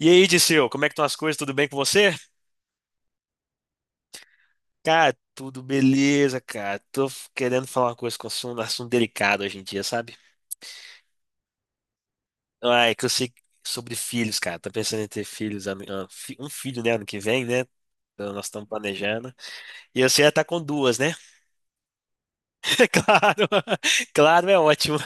E aí, Disseu, como é que estão as coisas? Tudo bem com você? Cara, tudo beleza, cara. Tô querendo falar uma coisa um assunto delicado hoje em dia, sabe? Ah, é que eu sei sobre filhos, cara. Tô pensando em ter filhos, um filho, né, ano que vem, né? Então, nós estamos planejando. E você já tá com duas, né? Claro, claro, é ótimo.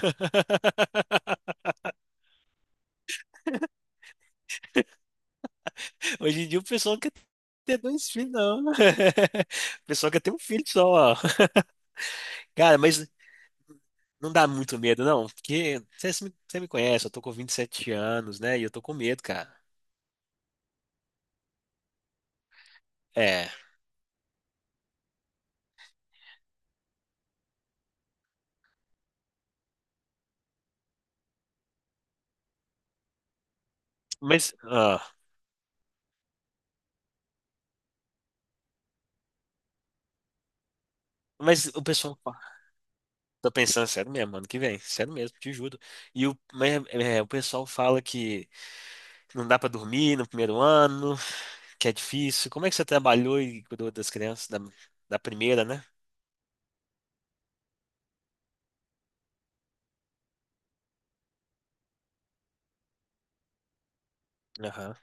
Hoje em dia o pessoal não quer ter dois filhos, não. O pessoal quer ter um filho só, cara, mas. Não dá muito medo, não, porque você me conhece, eu tô com 27 anos, né? E eu tô com medo, cara. É, mas, ah, mas o pessoal. Tô pensando, sério mesmo, ano que vem, sério mesmo, te juro. Mas, o pessoal fala que não dá pra dormir no primeiro ano, que é difícil. Como é que você trabalhou e cuidou das crianças da primeira, né? Aham.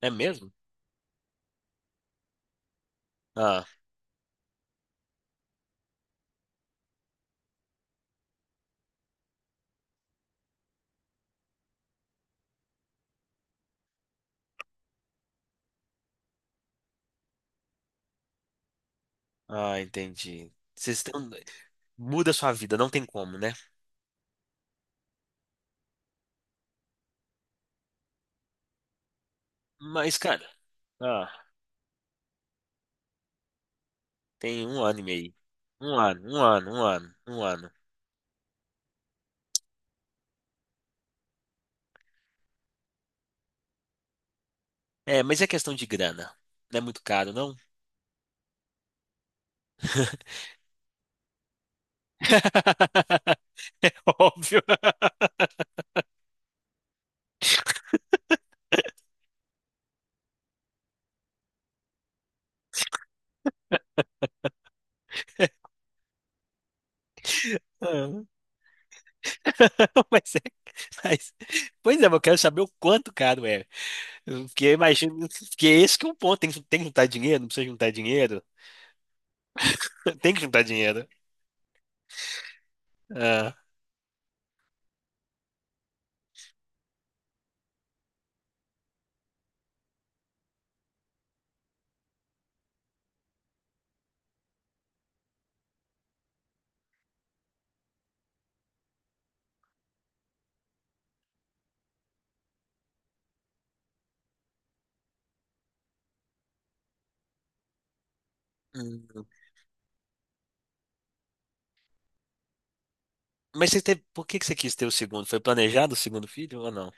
É mesmo? Ah, ah, entendi. Vocês estão. Muda a sua vida, não tem como, né? Mas, cara. ah, Tem um ano e meio. Um ano, um ano, um ano, um ano. É, mas é questão de grana. Não é muito caro, não? É óbvio. Ah. Mas é. Mas, pois é, mas eu quero saber o quanto caro é. Porque eu imagino. Porque é esse que é o ponto. Tem que juntar dinheiro, não precisa juntar dinheiro. Tem que juntar dinheiro. Ah. Hum. Mas você teve, por que que você quis ter o segundo? Foi planejado o segundo filho ou não?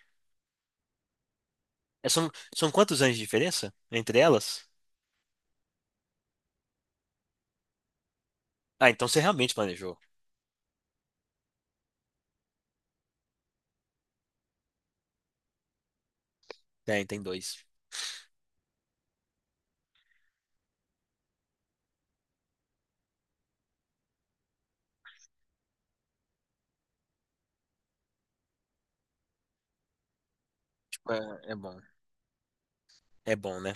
É, são quantos anos de diferença entre elas? Ah, então você realmente planejou. Tem dois. Tipo, é bom. É bom, né?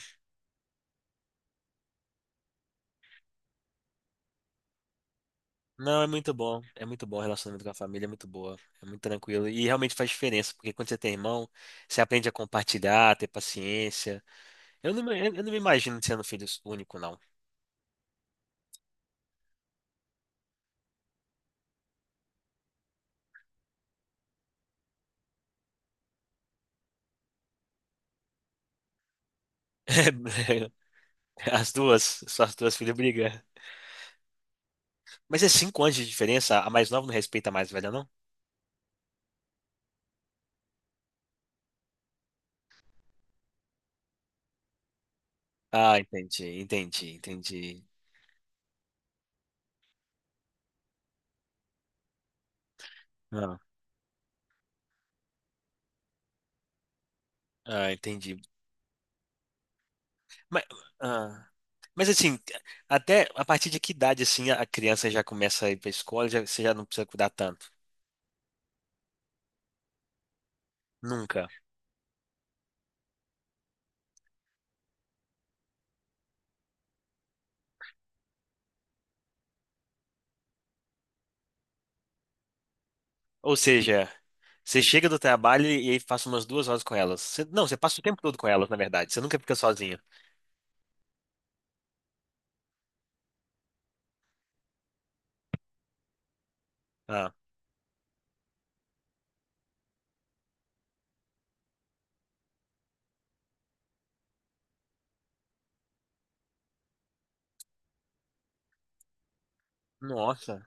Não, é muito bom. É muito bom o relacionamento com a família, é muito boa. É muito tranquilo. E realmente faz diferença, porque quando você tem irmão, você aprende a compartilhar, a ter paciência. Eu não me imagino sendo filho único, não. As duas, só as duas filhas brigam. Mas é 5 anos de diferença, a mais nova não respeita a mais velha, não? Ah, entendi, entendi, entendi. Ah, ah, entendi. Mas, ah, Mas assim, até a partir de que idade assim a criança já começa a ir para a escola, já, você já não precisa cuidar tanto? Nunca. Ou seja, você chega do trabalho e aí passa umas 2 horas com elas. Não, você passa o tempo todo com elas, na verdade. Você nunca fica sozinha. Ah, nossa.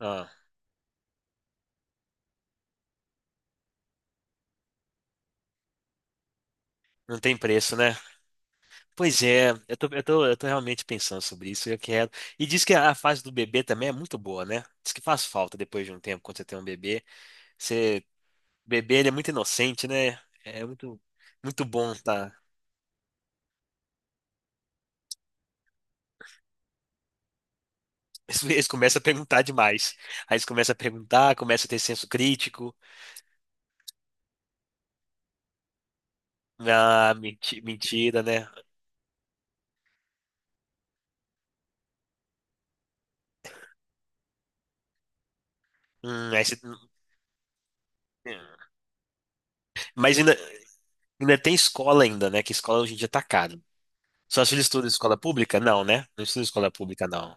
Ah, não tem preço, né? Pois é, eu tô realmente pensando sobre isso. Eu quero. E diz que a fase do bebê também é muito boa, né? Diz que faz falta depois de um tempo, quando você tem um bebê. Você, o bebê, ele é muito inocente, né? É muito, muito bom, tá? Eles eles começam a perguntar demais. Aí eles começam a perguntar, começam a ter senso crítico. Ah, mentira, né? Hum, aí você- hum, Mas ainda tem escola ainda, né? Que escola hoje em dia tá caro. Só se ele estuda em escola pública? Não, né? Não estuda em escola pública, não.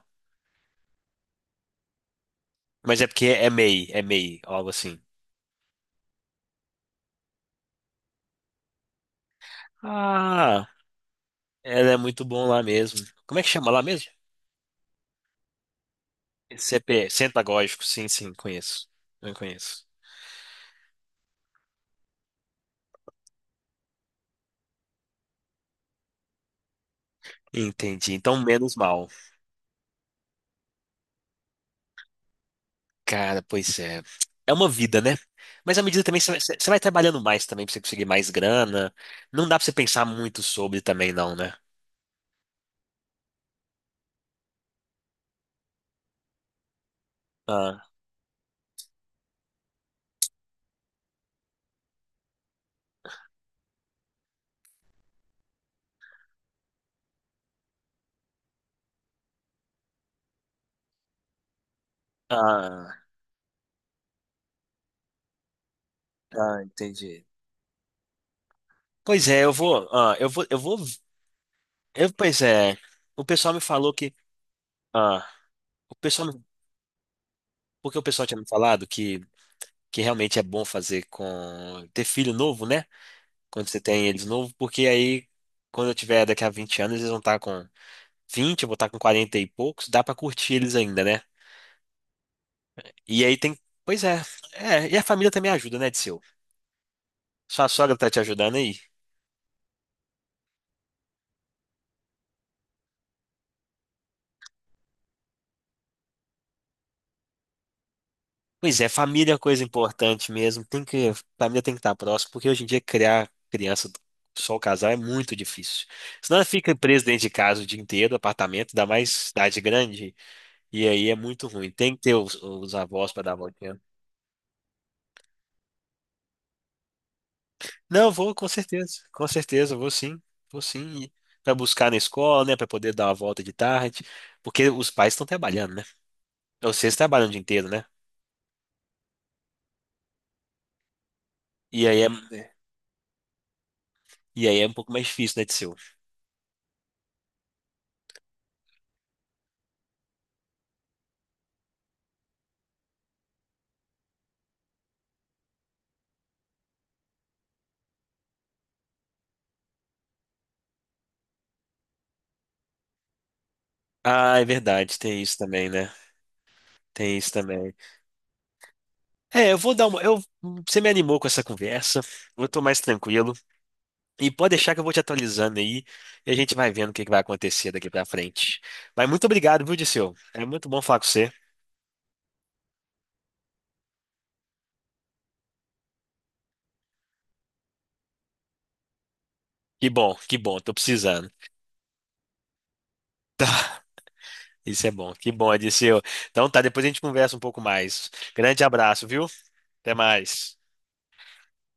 Mas é porque é MEI, algo assim. Ah, ela é muito bom lá mesmo. Como é que chama lá mesmo? CP, Centro Pedagógico, sim, sim, conheço. Eu conheço. Entendi. Então, menos mal. Cara, pois é. É uma vida, né? Mas à medida também você vai trabalhando mais também pra você conseguir mais grana. Não dá pra você pensar muito sobre também, não, né? Ah, ah, ah, entendi. Pois é, eu vou, ah, eu vou, eu vou, eu, pois é, o pessoal me falou que, ah, o pessoal, me- porque o pessoal tinha me falado que realmente é bom fazer com, ter filho novo, né? Quando você tem eles novo, porque aí, quando eu tiver daqui a 20 anos, eles vão estar com 20, eu vou estar com 40 e poucos, dá pra curtir eles ainda, né? E aí tem. Pois é. É, e a família também ajuda, né, Disseu? Sua sogra tá te ajudando aí? Pois é, família é coisa importante mesmo. Tem que. Família tem que estar próximo, porque hoje em dia criar criança só o casal é muito difícil. Senão ela fica presa dentro de casa o dia inteiro, apartamento, dá mais cidade grande. E aí é muito ruim. Tem que ter os avós para dar a voltinha. Não, vou com certeza. Com certeza, vou sim. Vou sim. Para buscar na escola, né? Para poder dar uma volta de tarde. Porque os pais estão trabalhando, né? Vocês trabalham o dia inteiro, né? E aí é, É. e aí é um pouco mais difícil, né, Tseu? Ah, é verdade, tem isso também, né? Tem isso também. É, eu vou dar uma. Você me animou com essa conversa. Eu tô mais tranquilo. E pode deixar que eu vou te atualizando aí e a gente vai vendo o que que vai acontecer daqui pra frente. Mas muito obrigado, viu, Dirceu? É muito bom falar com você. Que bom, tô precisando. Isso é bom, que bom, Dirceu. Então tá, depois a gente conversa um pouco mais. Grande abraço, viu? Até mais.